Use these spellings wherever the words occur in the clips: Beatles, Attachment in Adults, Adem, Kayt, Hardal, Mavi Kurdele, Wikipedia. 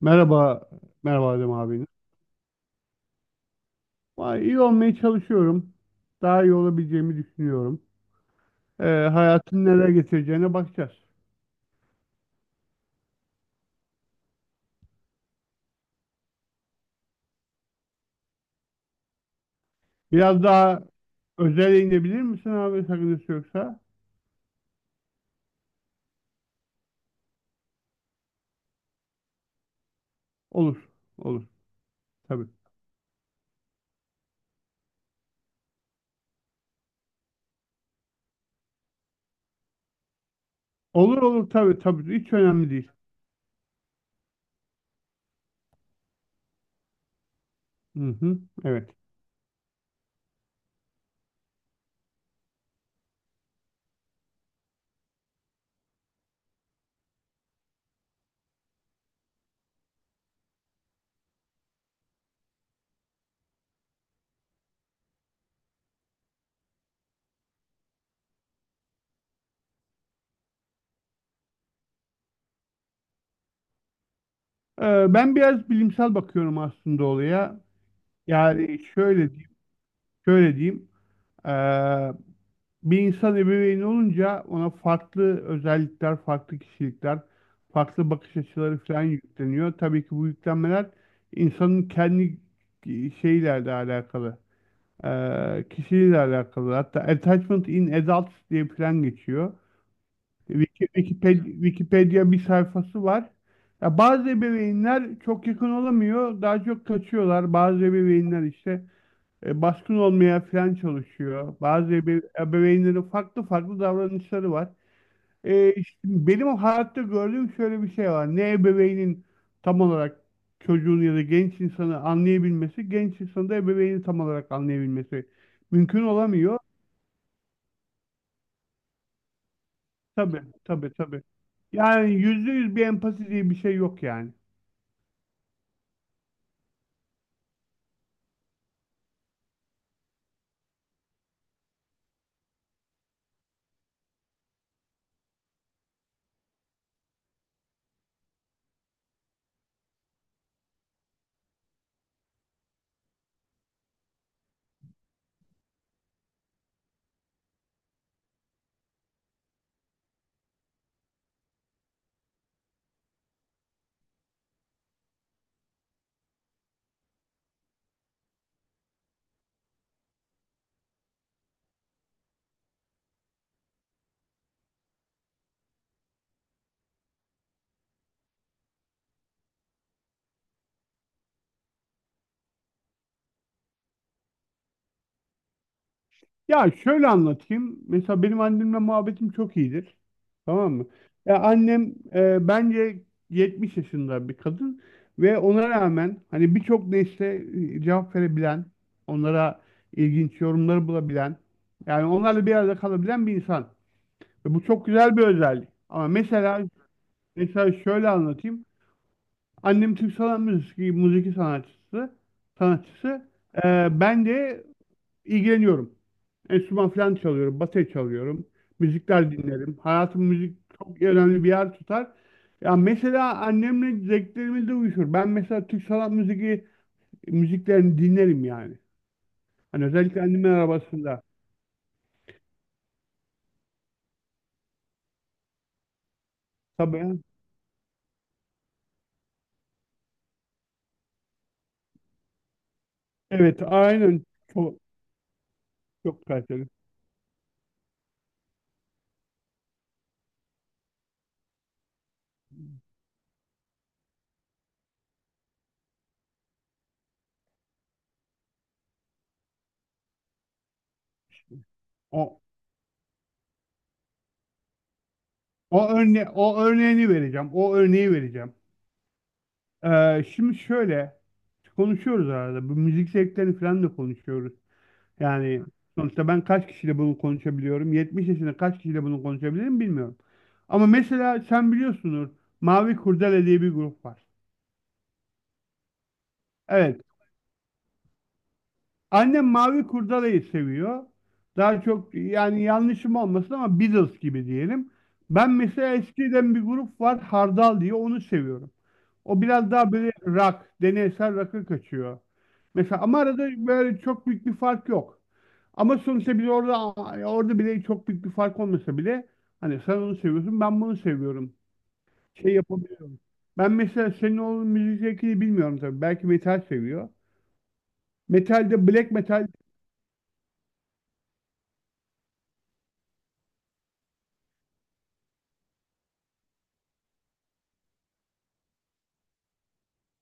Merhaba, merhaba Adem abi. Vay, İyi olmaya çalışıyorum. Daha iyi olabileceğimi düşünüyorum. Ee, Hayatın neler getireceğine bakacağız. Biraz daha özele inebilir misin abi, sakıncası yoksa? Olur, olur tabii. Olur olur tabii tabii, hiç önemli değil. Hı hı, evet. Ben biraz bilimsel bakıyorum aslında olaya. Yani şöyle diyeyim. Ee, Bir insan ebeveyni olunca ona farklı özellikler, farklı kişilikler, farklı bakış açıları falan yükleniyor. Tabii ki bu yüklenmeler insanın kendi şeylerle alakalı, kişiliğiyle alakalı. Hatta Attachment in Adults diye falan geçiyor. Wiki- Wikipedia, Wikipedia bir sayfası var. Ya bazı ebeveynler çok yakın olamıyor, daha çok kaçıyorlar. Bazı ebeveynler işte baskın olmaya falan çalışıyor. Bazı ebeveynlerin farklı farklı davranışları var. İşte benim hayatta gördüğüm şöyle bir şey var. Ne ebeveynin tam olarak çocuğun ya da genç insanı anlayabilmesi, genç insanı da ebeveyni tam olarak anlayabilmesi mümkün olamıyor. Tabii, tabii, tabii. Yani yüzde yüz bir empati diye bir şey yok yani. Ya şöyle anlatayım. Mesela benim annemle muhabbetim çok iyidir. Tamam mı? Ya annem bence 70 yaşında bir kadın ve ona rağmen hani birçok nesle cevap verebilen, onlara ilginç yorumları bulabilen, yani onlarla bir arada kalabilen bir insan. Ve bu çok güzel bir özellik. Ama mesela şöyle anlatayım. Annem Türk sanat müziği sanatçısı. Ben de ilgileniyorum. Enstrüman falan çalıyorum, bateri çalıyorum. Müzikler dinlerim. Hayatım müzik çok önemli bir yer tutar. Ya mesela annemle zevklerimiz de uyuşur. Ben mesela Türk sanat müziği müziklerini dinlerim yani. Hani özellikle annemin arabasında. Tabii. Evet, aynen. Çok, çok kaliteli. O, o örneğini vereceğim. O örneği vereceğim. Şimdi şöyle konuşuyoruz arada. Bu müzik zevklerini falan da konuşuyoruz. Yani sonuçta ben kaç kişiyle bunu konuşabiliyorum? 70 yaşında kaç kişiyle bunu konuşabilirim bilmiyorum. Ama mesela sen biliyorsunuz, Mavi Kurdele diye bir grup var. Evet. Annem Mavi Kurdele'yi seviyor. Daha çok yani yanlışım olmasın ama Beatles gibi diyelim. Ben mesela eskiden bir grup var Hardal diye, onu seviyorum. O biraz daha böyle rock, deneysel rock'a kaçıyor. Mesela ama arada böyle çok büyük bir fark yok. Ama sonuçta biz orada bile çok büyük bir fark olmasa bile hani sen onu seviyorsun, ben bunu seviyorum. Şey yapabiliyorum. Ben mesela senin oğlun müzik zevkini bilmiyorum tabii. Belki metal seviyor. Metalde black metal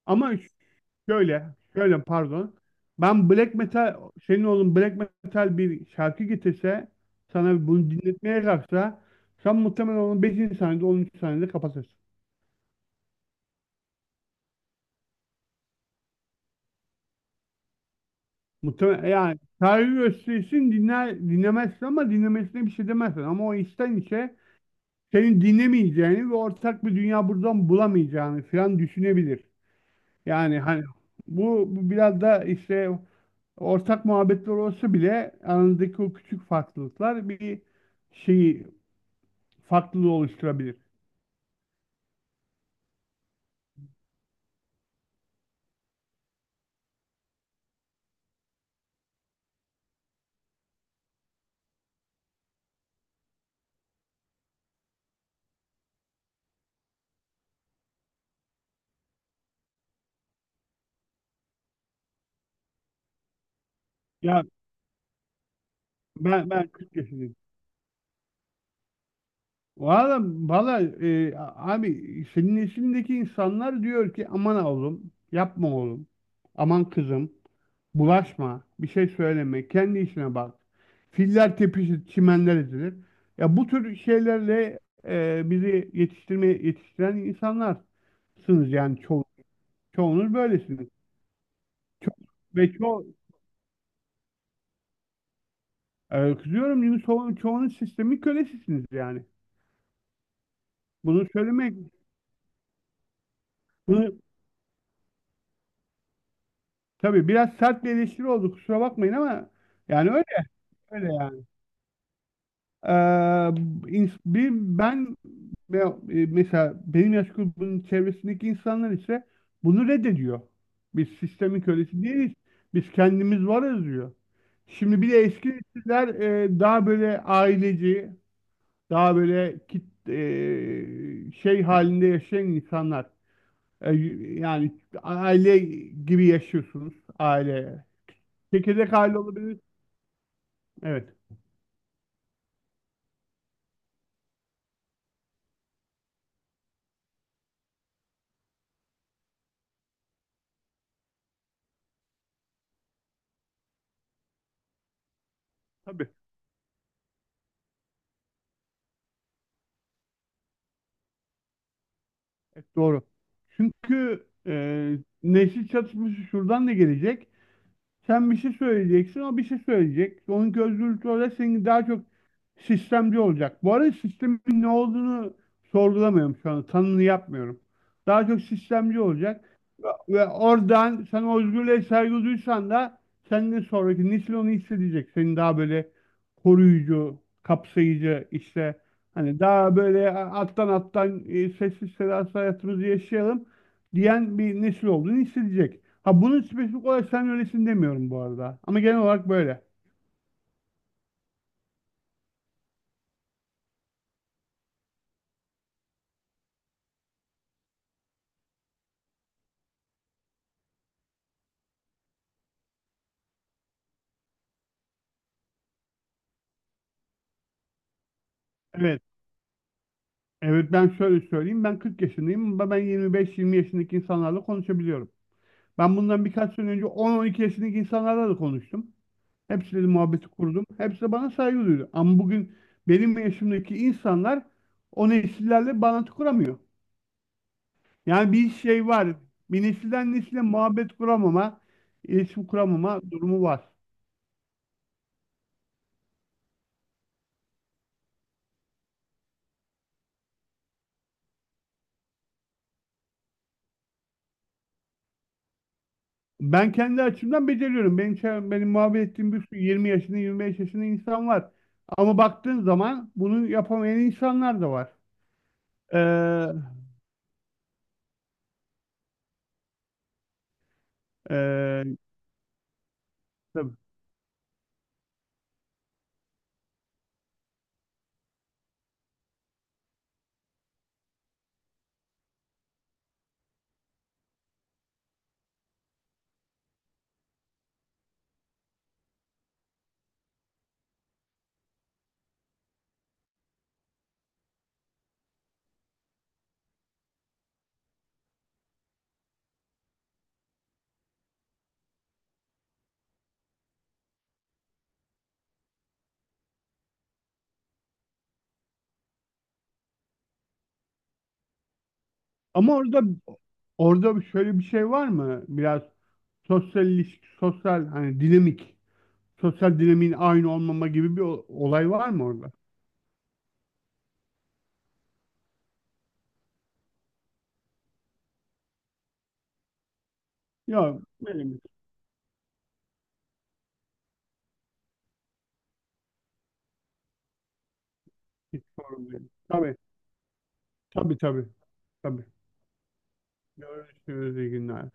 ama şöyle şöyle pardon. Ben black metal, senin oğlun black metal bir şarkı getirse, sana bunu dinletmeye kalksa sen muhtemelen onun 5. saniyede 10. saniyede kapatırsın. Muhtemelen yani saygı gösterirsin dinler, dinlemezsin ama dinlemesine bir şey demezsin. Ama o içten içe senin dinlemeyeceğini ve ortak bir dünya buradan bulamayacağını falan düşünebilir. Yani hani bu biraz da işte ortak muhabbetler olsa bile aranızdaki o küçük farklılıklar bir şeyi, farklılığı oluşturabilir. Ya ben 40 yaşındayım. Valla, valla, abi senin neslindeki insanlar diyor ki aman oğlum, yapma oğlum, aman kızım, bulaşma, bir şey söyleme, kendi işine bak. Filler tepişir, çimenler ezilir. Ya bu tür şeylerle bizi yetiştiren insanlarsınız yani çoğunuz böylesiniz. Ço ve ço e, Kızıyorum çünkü çoğunuz sistemin kölesisiniz yani. Bunu söylemek, bunu Tabii biraz sert bir eleştiri oldu, kusura bakmayın ama yani öyle yani. Ee, ins- bir, ben ve- e, Mesela benim yaş grubunun çevresindeki insanlar ise bunu reddediyor. Biz sistemin kölesi değiliz. Biz kendimiz varız diyor. Şimdi bir de eski nesiller daha böyle aileci, daha böyle şey halinde yaşayan insanlar. E, Yani aile gibi yaşıyorsunuz. Aile. Çekirdek aile olabilir. Evet. Tabii. Evet, doğru. Çünkü nesil çatışması şuradan da gelecek. Sen bir şey söyleyeceksin, o bir şey söyleyecek. Onun özgürlükleri olarak senin daha çok sistemci olacak. Bu arada sistemin ne olduğunu sorgulamıyorum şu anda. Tanını yapmıyorum. Daha çok sistemci olacak. Ve oradan sen o özgürlüğe saygı duysan da senden sonraki nesil onu hissedecek. Seni daha böyle koruyucu, kapsayıcı işte hani daha böyle alttan alttan, sessiz sedasız hayatımızı yaşayalım diyen bir nesil olduğunu hissedecek. Ha bunu spesifik olarak sen öylesin demiyorum bu arada. Ama genel olarak böyle. Evet. Evet, ben şöyle söyleyeyim. Ben 40 yaşındayım ama ben 25-20 yaşındaki insanlarla konuşabiliyorum. Ben bundan birkaç sene önce 10-12 yaşındaki insanlarla da konuştum. Hepsiyle de muhabbeti kurdum. Hepsi de bana saygı duydu. Ama bugün benim yaşımdaki insanlar o nesillerle bağlantı kuramıyor. Yani bir şey var. Bir nesilden nesile muhabbet kuramama, iletişim kuramama durumu var. Ben kendi açımdan beceriyorum. Benim muhabbet ettiğim bir sürü 20 yaşında 25 yaşında insan var. Ama baktığın zaman bunu yapamayan insanlar da var. Ee, ee, tabii. Ama orada şöyle bir şey var mı? Biraz sosyal ilişki, sosyal hani dinamik, sosyal dinamiğin aynı olmama gibi bir olay var mı orada? Yok, benim hiç sorun değil. Tabii, tabii, tabii. Tabii. Görüşürüz, iyi günler.